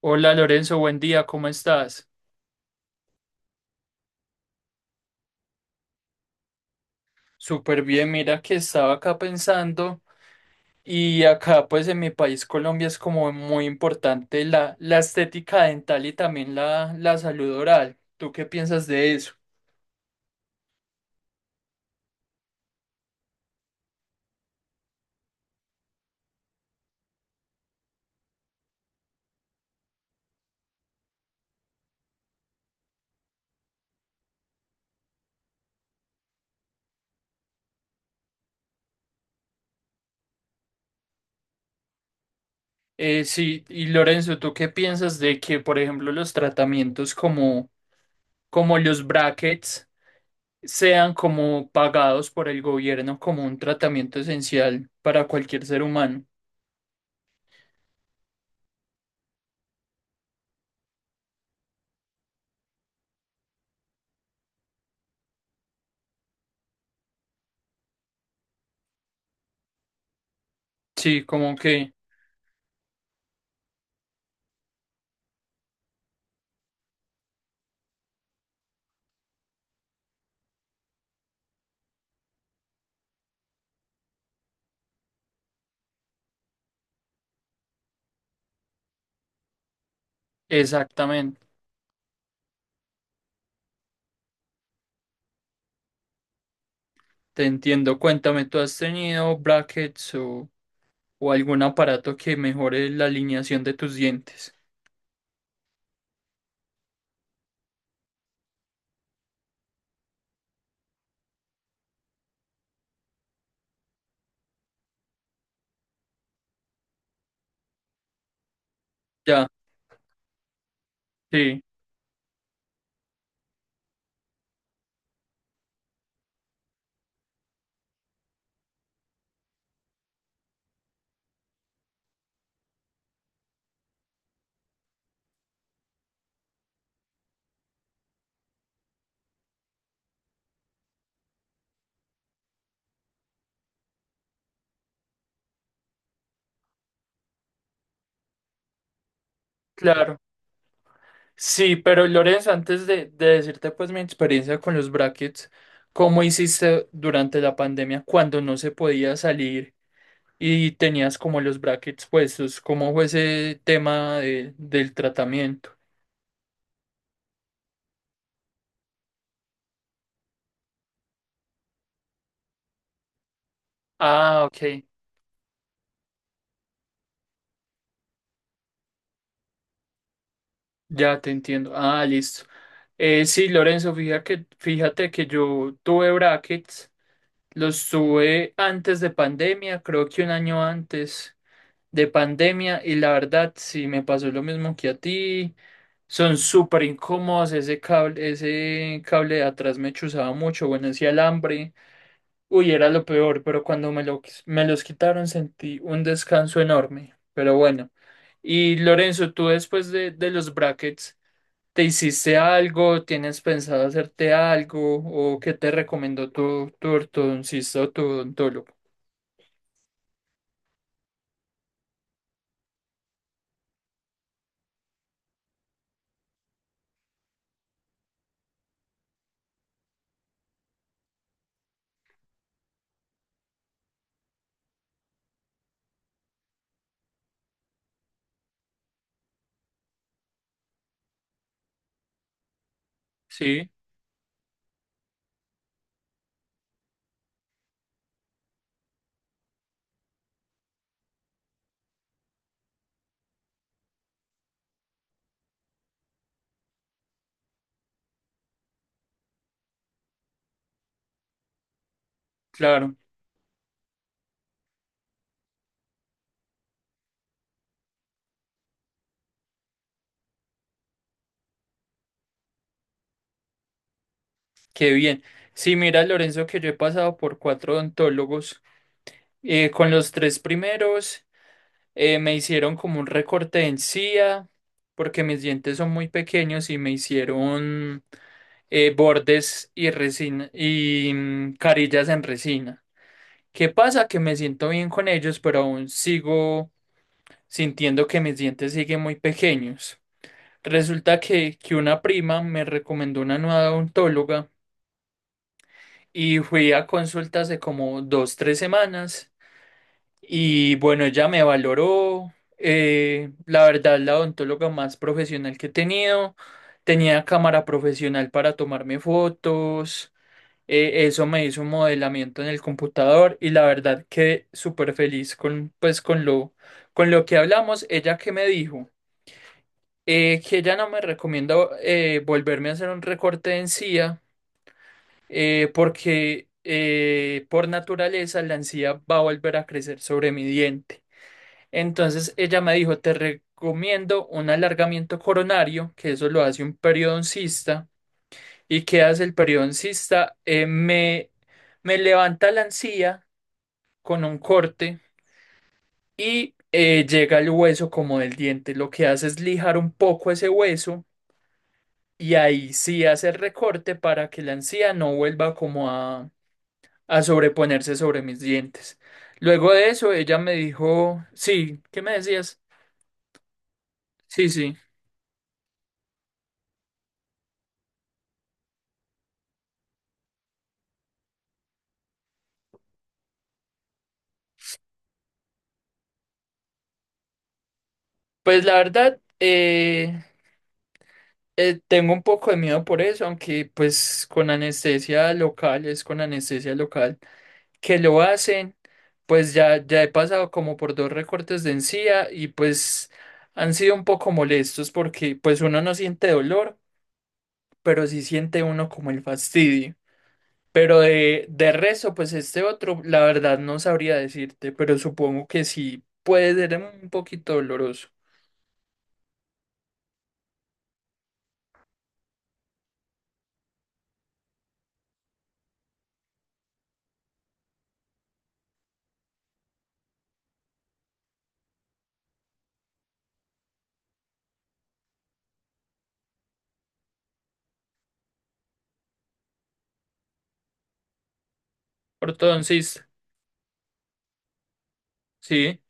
Hola Lorenzo, buen día, ¿cómo estás? Súper bien, mira que estaba acá pensando y acá pues en mi país Colombia es como muy importante la estética dental y también la salud oral. ¿Tú qué piensas de eso? Sí, y Lorenzo, ¿tú qué piensas de que por ejemplo los tratamientos como los brackets sean como pagados por el gobierno como un tratamiento esencial para cualquier ser humano? Sí, como que exactamente. Te entiendo, cuéntame, ¿tú has tenido brackets o algún aparato que mejore la alineación de tus dientes? Ya, sí, claro. Sí, pero Lorenzo, antes de decirte pues mi experiencia con los brackets, ¿cómo hiciste durante la pandemia cuando no se podía salir y tenías como los brackets puestos? ¿Cómo fue ese tema del tratamiento? Ah, ok, ya te entiendo. Ah, listo. Sí, Lorenzo, fíjate que yo tuve brackets. Los sube antes de pandemia, creo que un año antes de pandemia, y la verdad, sí me pasó lo mismo que a ti. Son súper incómodos, ese cable de atrás me chuzaba mucho, bueno, ese alambre, uy, era lo peor, pero cuando me los quitaron sentí un descanso enorme, pero bueno. Y Lorenzo, tú después de los brackets, ¿te hiciste algo? ¿Tienes pensado hacerte algo? ¿O qué te recomendó tu ortodoncista o tu odontólogo? Sí, claro, qué bien. Sí, mira, Lorenzo, que yo he pasado por cuatro odontólogos. Con los tres primeros me hicieron como un recorte de encía, porque mis dientes son muy pequeños y me hicieron bordes y resina y carillas en resina. ¿Qué pasa? Que me siento bien con ellos, pero aún sigo sintiendo que mis dientes siguen muy pequeños. Resulta que una prima me recomendó una nueva odontóloga y fui a consultas de como dos, tres semanas y bueno, ella me valoró. La verdad, la odontóloga más profesional que he tenido. Tenía cámara profesional para tomarme fotos. Eso me hizo un modelamiento en el computador y la verdad quedé súper feliz con, pues, con lo que hablamos. Ella que me dijo que ella no me recomienda volverme a hacer un recorte de encía, porque por naturaleza la encía va a volver a crecer sobre mi diente. Entonces ella me dijo, te recomiendo un alargamiento coronario, que eso lo hace un periodoncista. ¿Y qué hace el periodoncista? Me levanta la encía con un corte y llega al hueso como del diente. Lo que hace es lijar un poco ese hueso y ahí sí hace el recorte para que la encía no vuelva como a sobreponerse sobre mis dientes. Luego de eso, ella me dijo, sí, ¿qué me decías? Sí, sí. Pues la verdad, tengo un poco de miedo por eso, aunque pues es con anestesia local que lo hacen, pues ya he pasado como por dos recortes de encía y pues han sido un poco molestos porque pues uno no siente dolor, pero sí siente uno como el fastidio. Pero de resto, pues este otro, la verdad no sabría decirte, pero supongo que sí puede ser un poquito doloroso. Ortodoncista, sí.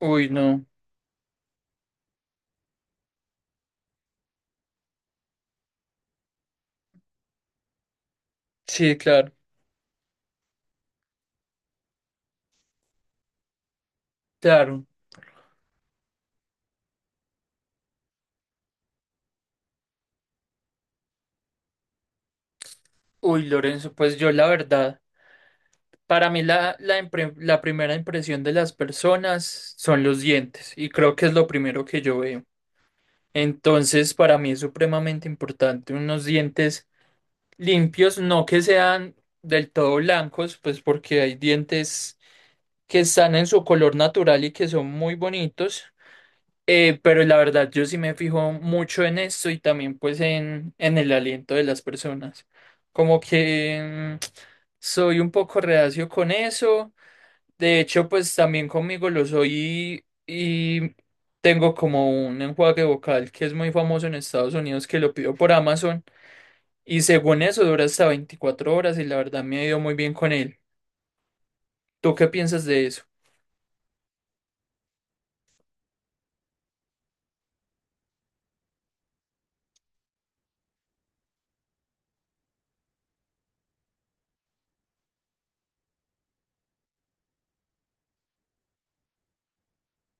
Uy, no. Sí, claro, claro. Uy, Lorenzo, pues yo la verdad, para mí la primera impresión de las personas son los dientes y creo que es lo primero que yo veo. Entonces, para mí es supremamente importante unos dientes limpios, no que sean del todo blancos, pues porque hay dientes que están en su color natural y que son muy bonitos. Pero la verdad, yo sí me fijo mucho en esto y también pues en el aliento de las personas. Como que soy un poco reacio con eso. De hecho, pues también conmigo lo soy y tengo como un enjuague vocal que es muy famoso en Estados Unidos que lo pido por Amazon y según eso dura hasta 24 horas y la verdad me ha ido muy bien con él. ¿Tú qué piensas de eso?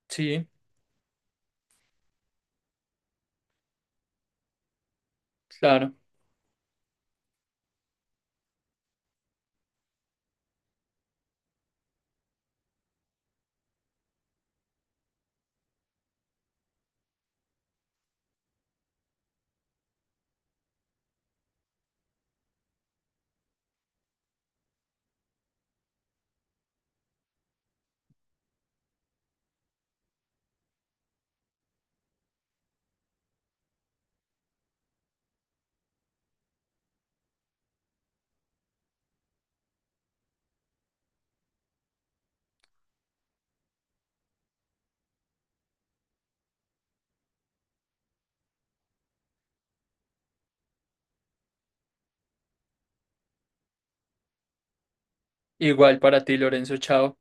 Sí, claro. Igual para ti, Lorenzo, chao.